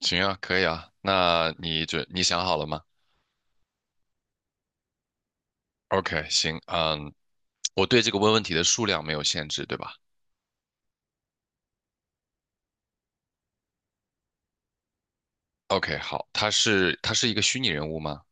行啊，可以啊。那你想好了吗？OK,行，嗯，我对这个问题的数量没有限制，对吧？OK,好，他是一个虚拟人物吗？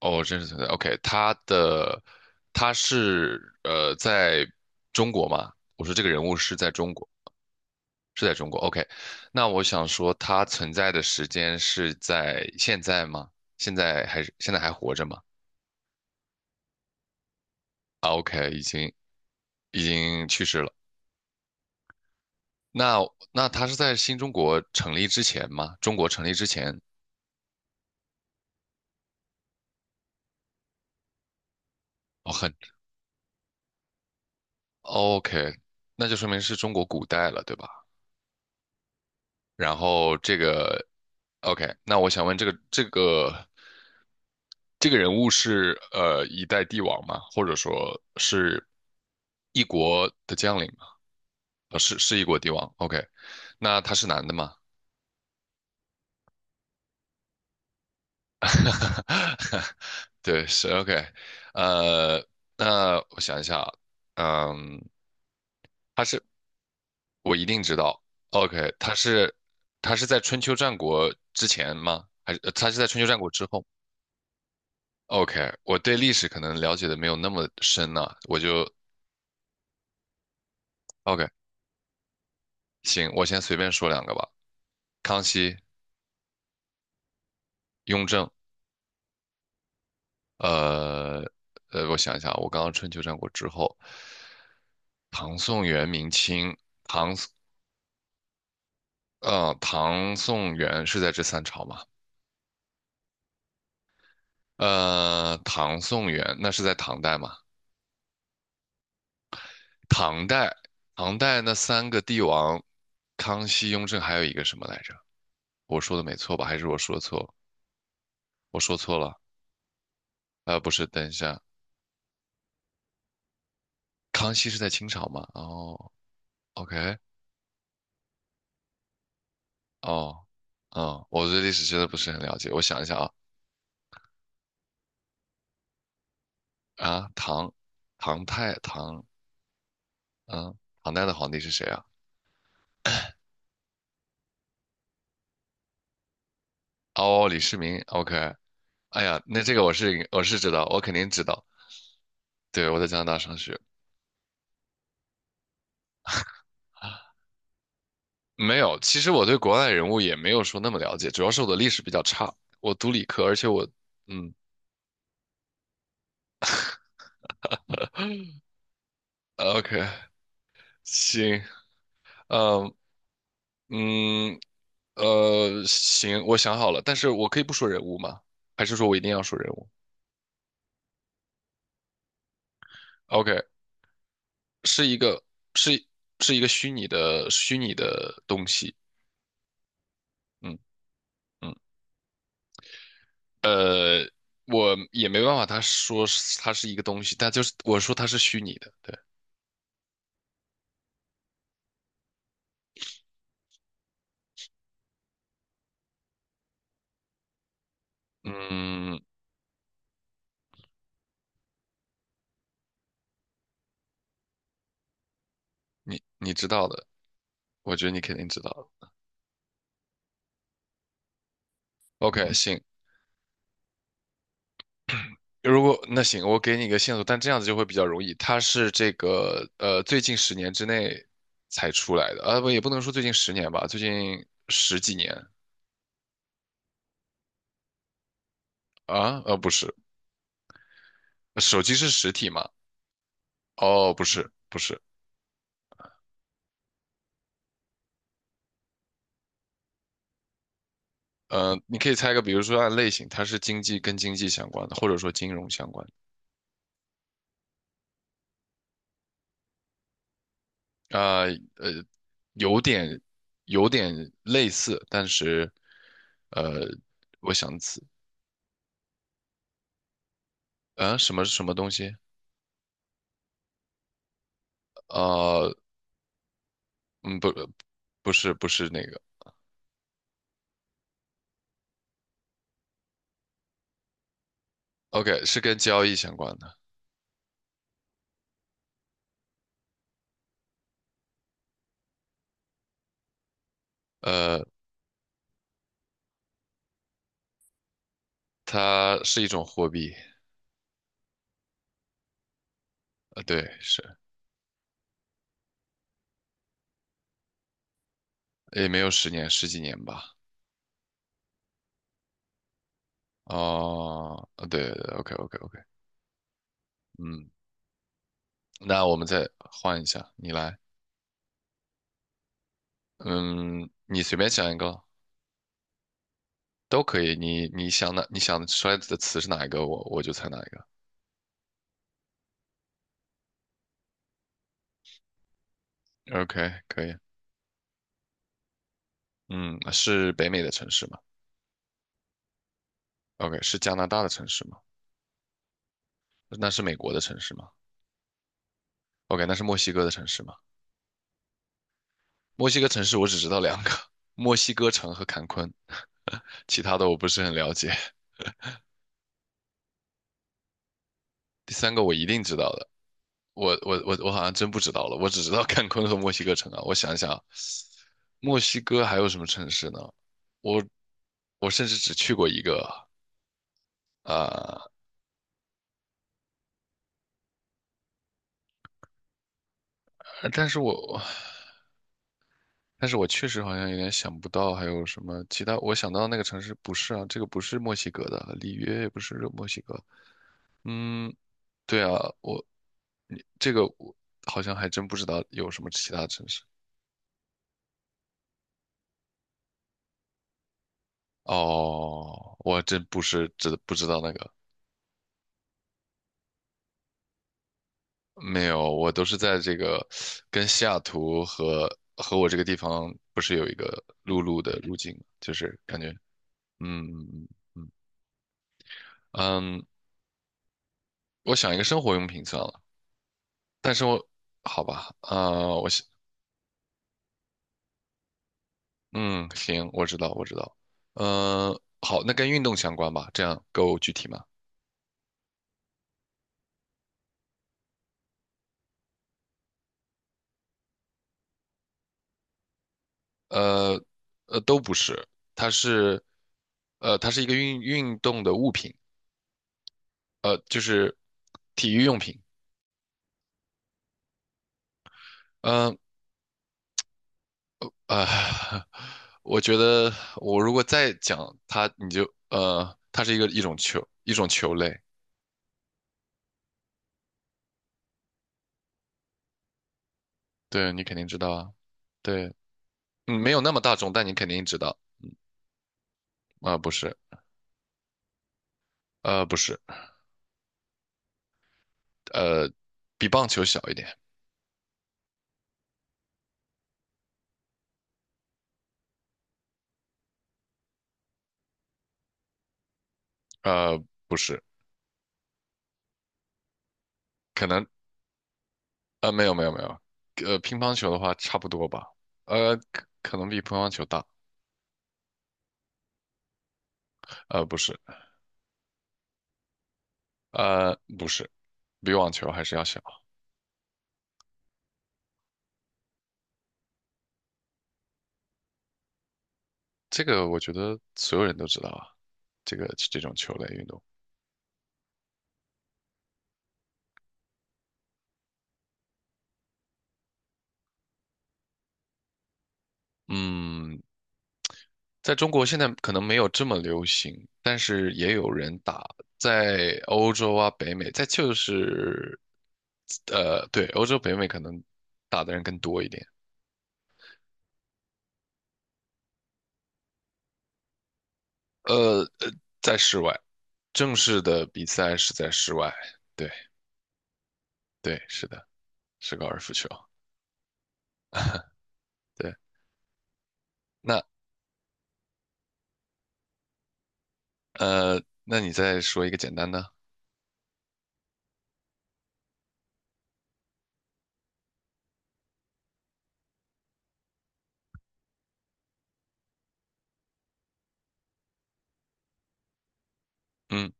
哦，真实存在。OK,他是在中国吗？我说这个人物是在中国，是在中国。OK,那我想说他存在的时间是在现在吗？现在还是现在还活着吗？已经去世了。那那他是在新中国成立之前吗？中国成立之前哦，OK,那就说明是中国古代了，对吧？然后这个 OK,那我想问这个人物是一代帝王吗？或者说是一国的将领吗？是一国帝王。OK,那他是男的吗？对，是 OK。呃，那我想一下啊，嗯，他是我一定知道。OK,他是在春秋战国之前吗？还是他是在春秋战国之后？OK,我对历史可能了解的没有那么深呢，我就 OK,行，我先随便说两个吧。康熙、雍正，呃我想一下啊，我刚刚春秋战国之后，唐宋元明清，唐宋元是在这三朝吗？唐宋元那是在唐代吗？唐代，唐代那三个帝王，康熙、雍正，还有一个什么来着？我说的没错吧？还是我说错？我说错了？不是，等一下，康熙是在清朝吗？哦，OK,哦，嗯，我对历史真的不是很了解。我想一下啊，啊，唐，唐太唐，嗯，唐代的皇帝是谁啊？哦，李世民，OK。哎呀，那这个我是知道，我肯定知道。对，我在加拿大上学。没有，其实我对国外人物也没有说那么了解，主要是我的历史比较差，我读理科，而且我，嗯OK,行，嗯嗯行，我想好了，但是我可以不说人物吗？还是说我一定要说人物？OK,是一个是是一个虚拟的东西，嗯嗯，我也没办法，他说是它是一个东西，但就是我说它是虚拟的，对，嗯，你你知道的，我觉得你肯定知道的。OK,行，如果那行，我给你一个线索，但这样子就会比较容易。它是这个最近十年之内才出来的，啊不也不能说最近十年吧，最近十几年啊，不是，手机是实体嘛？哦不是不是，你可以猜一个，比如说按类型，它是跟经济相关的，或者说金融相关的啊呃有点有点类似，但是呃我想起啊什么什么东西？啊？嗯，不，不是那个，OK,是跟交易相关的。呃，它是一种货币，对，是，也没有十年，十几年吧。哦，对对对，OK OK OK,嗯，那我们再换一下，你来，嗯，你随便想一个都可以，你想出来的词是哪一个，我就猜哪一个。OK,可以，嗯，是北美的城市吗？OK,是加拿大的城市吗？那是美国的城市吗？OK,那是墨西哥的城市吗？墨西哥城市我只知道两个，墨西哥城和坎昆，其他的我不是很了解。第三个我一定知道的，我好像真不知道了，我只知道坎昆和墨西哥城啊。我想想，墨西哥还有什么城市呢？我我甚至只去过一个啊、呃但是我但是我确实好像有点想不到还有什么其他。我想到那个城市不是啊，这个不是墨西哥的，里约也不是墨西哥嗯，对啊，你这个我好像还真不知道有什么其他城市。哦，我真不是知不知道那个，没有，我都是在这个跟西雅图和和我这个地方不是有一个陆路的路径吗，就是感觉，嗯嗯，嗯我想一个生活用品算了，但是我好吧，我想，嗯，行，我知道，我知道，嗯、好，那跟运动相关吧，这样够具体吗？呃都不是，它是它是一个运动的物品，就是体育用品。嗯啊呃 我觉得我如果再讲它，你就它是一个一种球类，对你肯定知道啊，对，嗯没有那么大众，但你肯定知道不是不是呃比棒球小一点，呃不是。可能。没有，乒乓球的话差不多吧，可能比乒乓球大，不是，不是，比网球还是要小。这个我觉得所有人都知道啊，这个这种球类运动，嗯，在中国现在可能没有这么流行，但是也有人打，在欧洲啊、北美，在就是，对，欧洲、北美可能打的人更多一点。呃呃，在室外，正式的比赛是在室外。对对，是的，是高尔夫球。对，那那你再说一个简单的。嗯，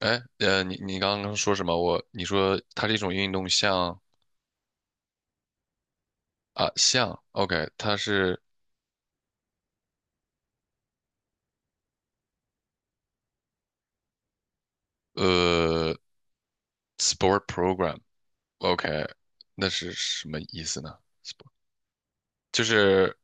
哎，你你刚刚说什么？我你说它是一种运动项啊，项。OK,它是呃 sport program。OK,那是什么意思呢？sport 就是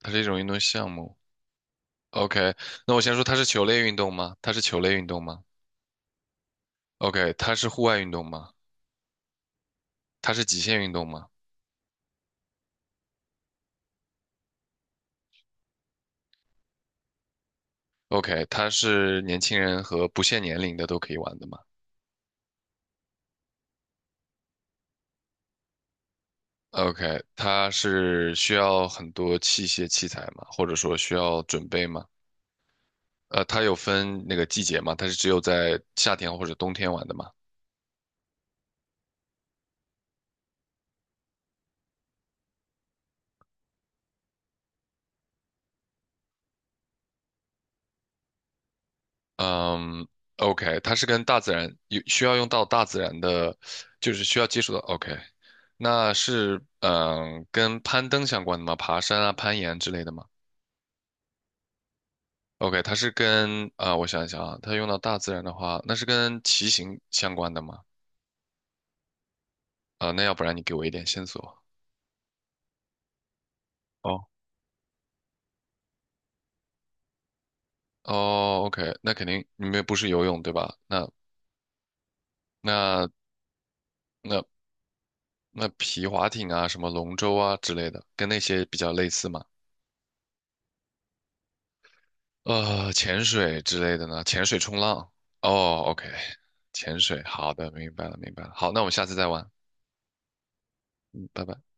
它是一种运动项目。OK,那我先说它是球类运动吗？它是球类运动吗？OK,它是户外运动吗？它是极限运动吗？OK,它是年轻人和不限年龄的都可以玩的吗？OK,它是需要很多器械器材吗？或者说需要准备吗？它有分那个季节吗？它是只有在夏天或者冬天玩的吗？嗯，OK,它是跟大自然有需要用到大自然的，就是需要接触到。OK,那是嗯跟攀登相关的吗？爬山啊、攀岩之类的吗？OK,它是跟啊、我想一想啊，它用到大自然的话，那是跟骑行相关的吗？啊、那要不然你给我一点线索。哦，哦，OK,那肯定你们不是游泳对吧？那那那那皮划艇啊，什么龙舟啊之类的，跟那些比较类似嘛？潜水之类的呢？潜水、冲浪。哦，OK,潜水，好的，明白了，明白了。好，那我们下次再玩。嗯，拜拜。